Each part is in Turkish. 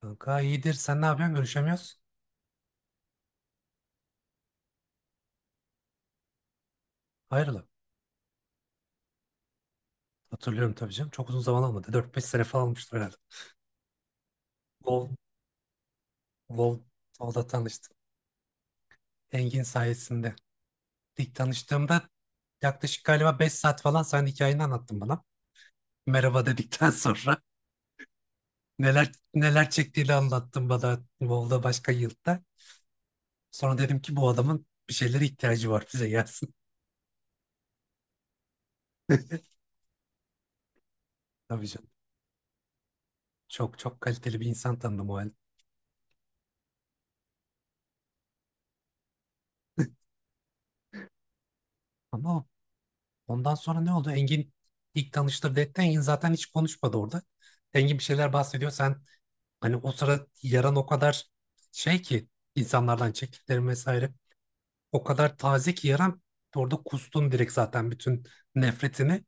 Kanka iyidir. Sen ne yapıyorsun? Görüşemiyoruz. Hayrola? Hatırlıyorum tabii canım. Çok uzun zaman olmadı. 4-5 sene falan olmuştur herhalde. WoW, WoW, WoW'da tanıştım. Engin sayesinde. İlk tanıştığımda yaklaşık galiba 5 saat falan sen hikayeni anlattın bana. Merhaba dedikten sonra neler neler çektiğini anlattın bana WoW'da başka yılda. Sonra dedim ki bu adamın bir şeylere ihtiyacı var bize gelsin. Tabii canım. Çok çok kaliteli bir insan tanıdım o halde. Ama Ondan sonra ne oldu? Engin ilk tanıştırdı etti. Engin zaten hiç konuşmadı orada. Engin bir şeyler bahsediyor. Sen hani o sırada yaran o kadar şey ki, insanlardan çektiklerin vesaire. O kadar taze ki yaran orada kustun direkt zaten bütün nefretini.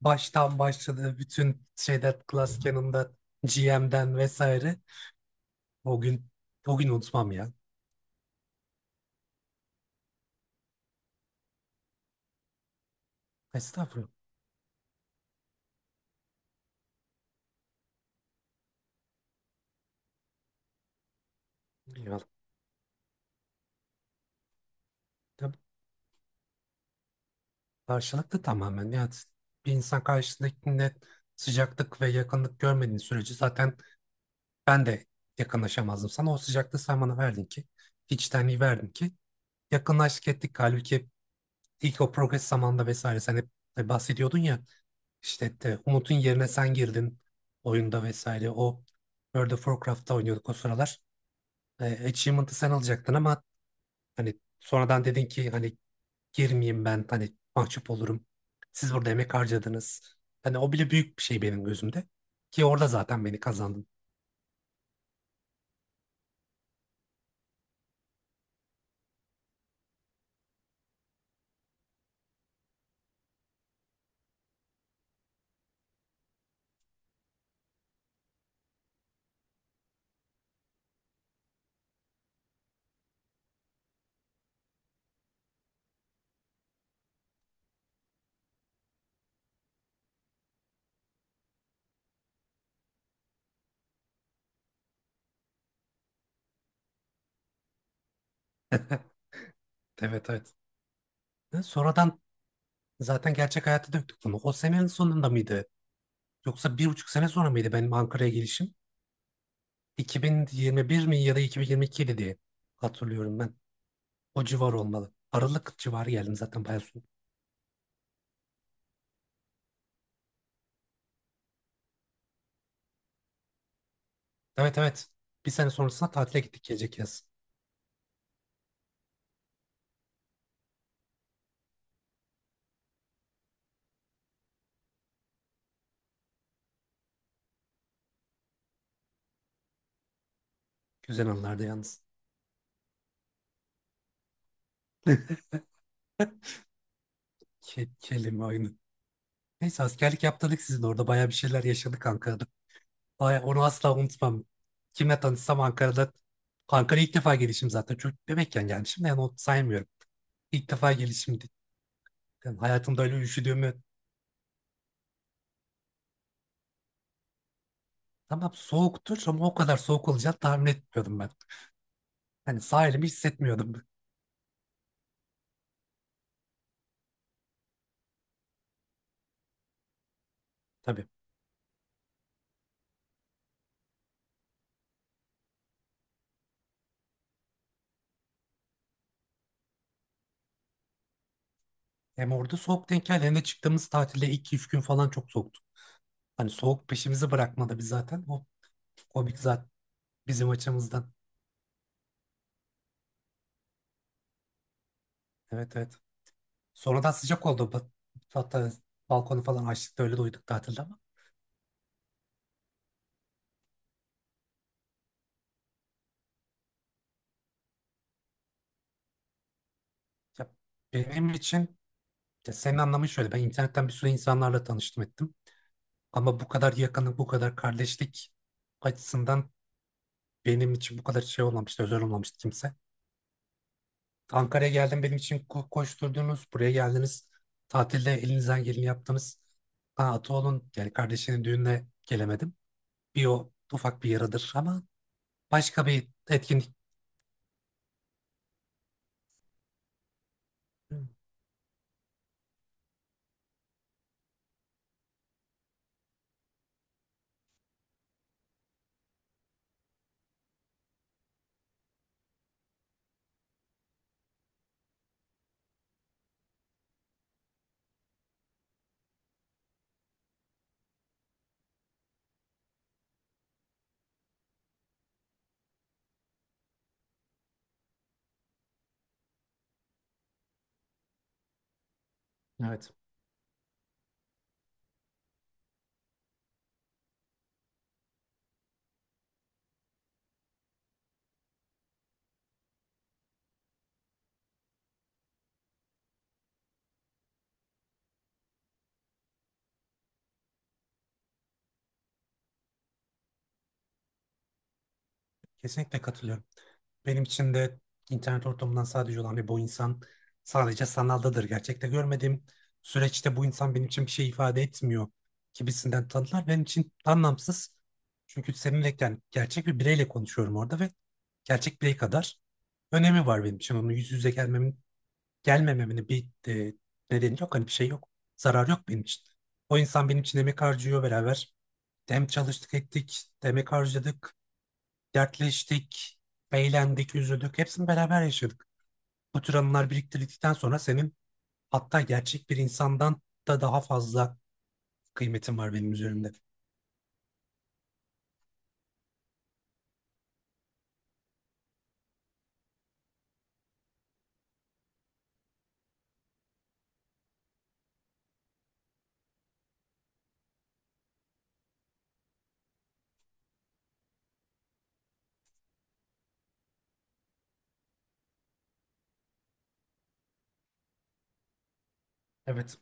Baştan başladı bütün şeyler Glass Cannon'da GM'den vesaire. O gün o gün unutmam ya. Estağfurullah. Eyvallah. Karşılıklı tamamen. Yani bir insan karşısındakinde sıcaklık ve yakınlık görmediğin sürece zaten ben de yakınlaşamazdım sana. O sıcaklığı sen bana verdin ki, içtenliği verdin ki yakınlaştık ettik. Halbuki ilk o progres zamanında vesaire sen hep bahsediyordun ya işte de Umut'un yerine sen girdin oyunda vesaire. O World of Warcraft'ta oynuyorduk o sıralar. Achievement'ı sen alacaktın ama hani sonradan dedin ki hani girmeyeyim ben hani mahcup olurum. Siz burada emek harcadınız. Hani o bile büyük bir şey benim gözümde. Ki orada zaten beni kazandın. Evet, evet. Sonradan zaten gerçek hayata döktük bunu. O senenin sonunda mıydı? Yoksa 1,5 sene sonra mıydı benim Ankara'ya gelişim? 2021 mi ya da 2022'ydi diye hatırlıyorum ben. O civar olmalı. Aralık civarı geldim zaten bayağı son. Evet, evet. Bir sene sonrasında tatile gittik gelecek yaz. Güzel anlardı yalnız. Kelime oyunu. Neyse askerlik yaptırdık sizin orada bayağı bir şeyler yaşadık Ankara'da. Baya, onu asla unutmam. Kimle tanışsam Ankara'da Ankara'ya ilk defa gelişim zaten. Çocuk bebekken gelmişim de yani onu saymıyorum. İlk defa gelişimdi. Yani hayatımda öyle üşüdüğümü tamam soğuktur ama o kadar soğuk olacağını tahmin etmiyordum ben. Hani sağ elimi hissetmiyordum ben, tabii. Hem orada soğuk denk geldi hem de çıktığımız tatilde 2-3 gün falan çok soğuktu. Hani soğuk peşimizi bırakmadı biz zaten. O komik zaten bizim açımızdan. Evet, evet. Sonradan sıcak oldu. Hatta balkonu falan açtık da öyle duyduk tatilde ama. Ya benim için Ya senin anlamın şöyle. Ben internetten bir sürü insanlarla tanıştım ettim. Ama bu kadar yakınlık, bu kadar kardeşlik açısından benim için bu kadar şey olmamıştı, özel olmamıştı kimse. Ankara'ya geldim benim için koşturdunuz, buraya geldiniz. Tatilde elinizden geleni yaptınız. Ha, Atoğlu'nun yani kardeşinin düğününe gelemedim. Bir o ufak bir yaradır ama başka bir etkinlik. Evet. Kesinlikle katılıyorum. Benim için de internet ortamından sadece olan ve bu insan sadece sanaldadır. Gerçekte görmediğim süreçte bu insan benim için bir şey ifade etmiyor gibisinden tanılar benim için anlamsız. Çünkü seninle yani gerçek bir bireyle konuşuyorum orada ve gerçek birey kadar önemi var benim için. Onun yüz yüze gelmemin, gelmememin bir nedeni yok. Hani bir şey yok. Zarar yok benim için. O insan benim için emek harcıyor beraber. Hem çalıştık ettik, emek harcadık. Dertleştik, eğlendik, üzüldük. Hepsini beraber yaşadık. Bu tür anılar biriktirdikten sonra senin hatta gerçek bir insandan da daha fazla kıymetin var benim üzerimde. Evet.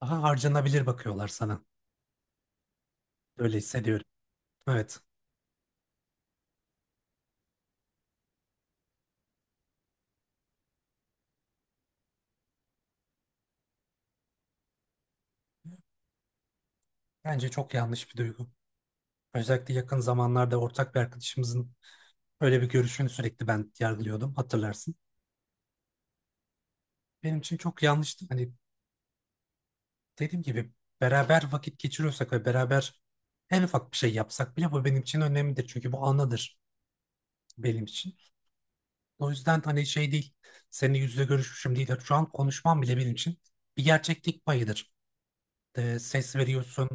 Daha harcanabilir bakıyorlar sana. Böyle hissediyorum. Evet. Bence çok yanlış bir duygu. Özellikle yakın zamanlarda ortak bir arkadaşımızın öyle bir görüşünü sürekli ben yargılıyordum. Hatırlarsın. Benim için çok yanlıştı. Hani dediğim gibi beraber vakit geçiriyorsak ve beraber en ufak bir şey yapsak bile bu benim için önemlidir. Çünkü bu anıdır benim için. O yüzden hani şey değil, seninle yüz yüze görüşmüşüm değil. Şu an konuşmam bile benim için bir gerçeklik payıdır. Ses veriyorsun,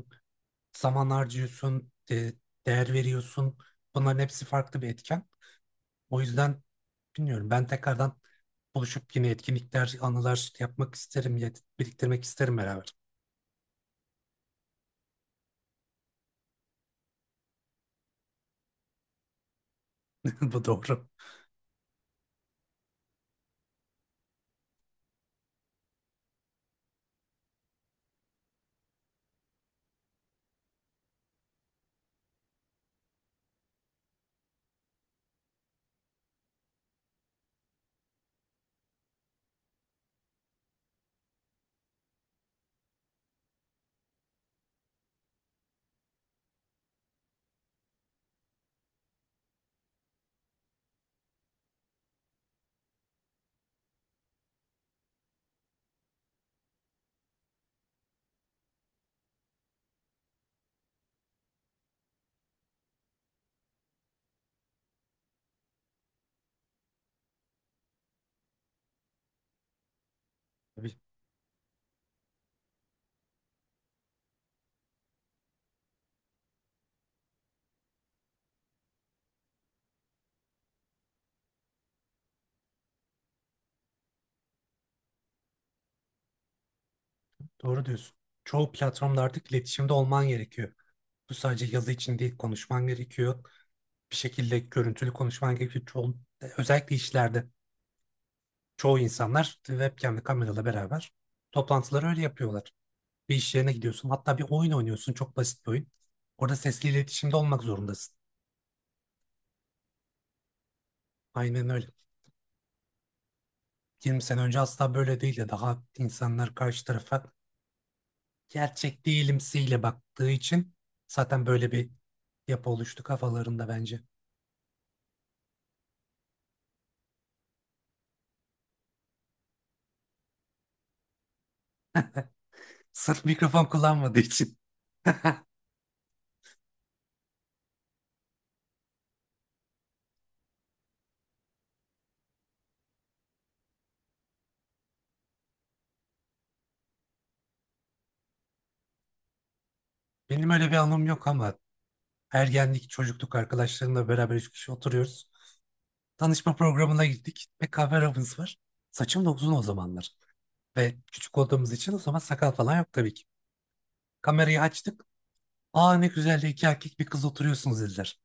zaman harcıyorsun, değer veriyorsun. Bunların hepsi farklı bir etken. O yüzden bilmiyorum ben tekrardan buluşup yine etkinlikler, anılar yapmak isterim, biriktirmek isterim beraber. Bu doğru. Tabii, doğru diyorsun. Çoğu platformda artık iletişimde olman gerekiyor. Bu sadece yazı için değil, konuşman gerekiyor. Bir şekilde görüntülü konuşman gerekiyor. Çoğu, özellikle işlerde çoğu insanlar webcam'le kamerayla beraber toplantıları öyle yapıyorlar. Bir iş yerine gidiyorsun. Hatta bir oyun oynuyorsun. Çok basit bir oyun. Orada sesli iletişimde olmak zorundasın. Aynen öyle. 20 sene önce asla böyle değildi. Daha insanlar karşı tarafa gerçek değilimsiyle baktığı için zaten böyle bir yapı oluştu kafalarında bence. Sırf mikrofon kullanmadığı için. Benim öyle bir anım yok ama ergenlik, çocukluk arkadaşlarımla beraber üç kişi oturuyoruz. Tanışma programına gittik ve kameramız var. Saçım da uzun o zamanlar. Ve küçük olduğumuz için o zaman sakal falan yok tabii ki. Kamerayı açtık. Aa, ne güzel de iki erkek bir kız oturuyorsunuz dediler.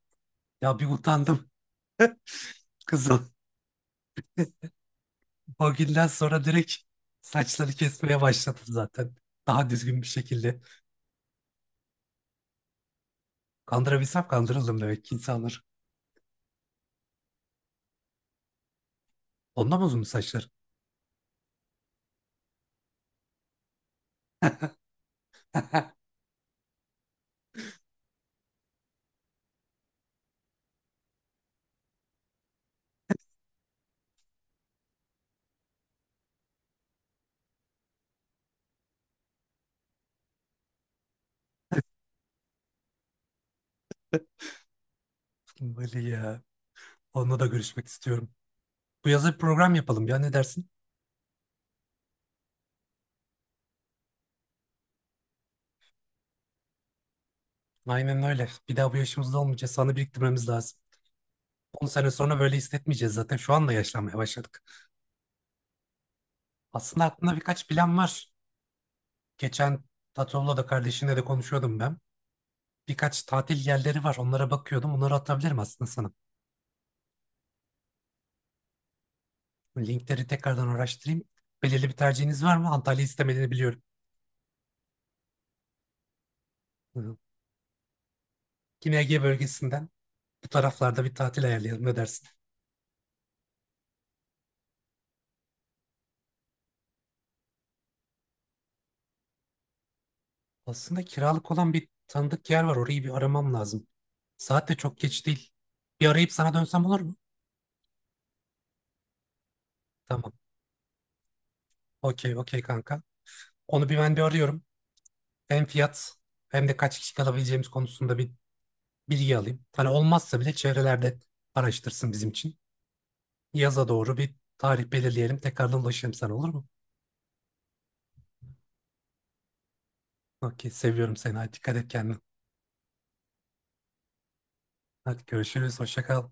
Ya bir utandım kızım. O günden sonra direkt saçları kesmeye başladım zaten. Daha düzgün bir şekilde. Kandırabilsem kandırıldım demek ki insanlar. Ondan uzun mu saçlar? Böyle ya. Onunla da görüşmek istiyorum. Bu yaza bir program yapalım ya, ne dersin? Aynen öyle. Bir daha bu yaşımızda olmayacağız. Sana biriktirmemiz lazım. 10 sene sonra böyle hissetmeyeceğiz zaten. Şu anda yaşlanmaya başladık. Aslında aklımda birkaç plan var. Geçen Tatoğlu'la da kardeşinle de konuşuyordum ben. Birkaç tatil yerleri var. Onlara bakıyordum. Onları atabilirim aslında sana. Linkleri tekrardan araştırayım. Belirli bir tercihiniz var mı? Antalya'yı istemediğini biliyorum. Hı. Yine Ege bölgesinden bu taraflarda bir tatil ayarlayalım. Ne dersin? Aslında kiralık olan bir tanıdık yer var. Orayı bir aramam lazım. Saat de çok geç değil. Bir arayıp sana dönsem olur mu? Tamam. Okey, okey kanka. Onu bir ben bir arıyorum. Hem fiyat hem de kaç kişi kalabileceğimiz konusunda bir bilgi alayım. Hani olmazsa bile çevrelerde araştırsın bizim için. Yaza doğru bir tarih belirleyelim. Tekrardan ulaşırım sana, olur mu? Okey, seviyorum seni. Hadi dikkat et kendine. Hadi görüşürüz. Hoşça kal.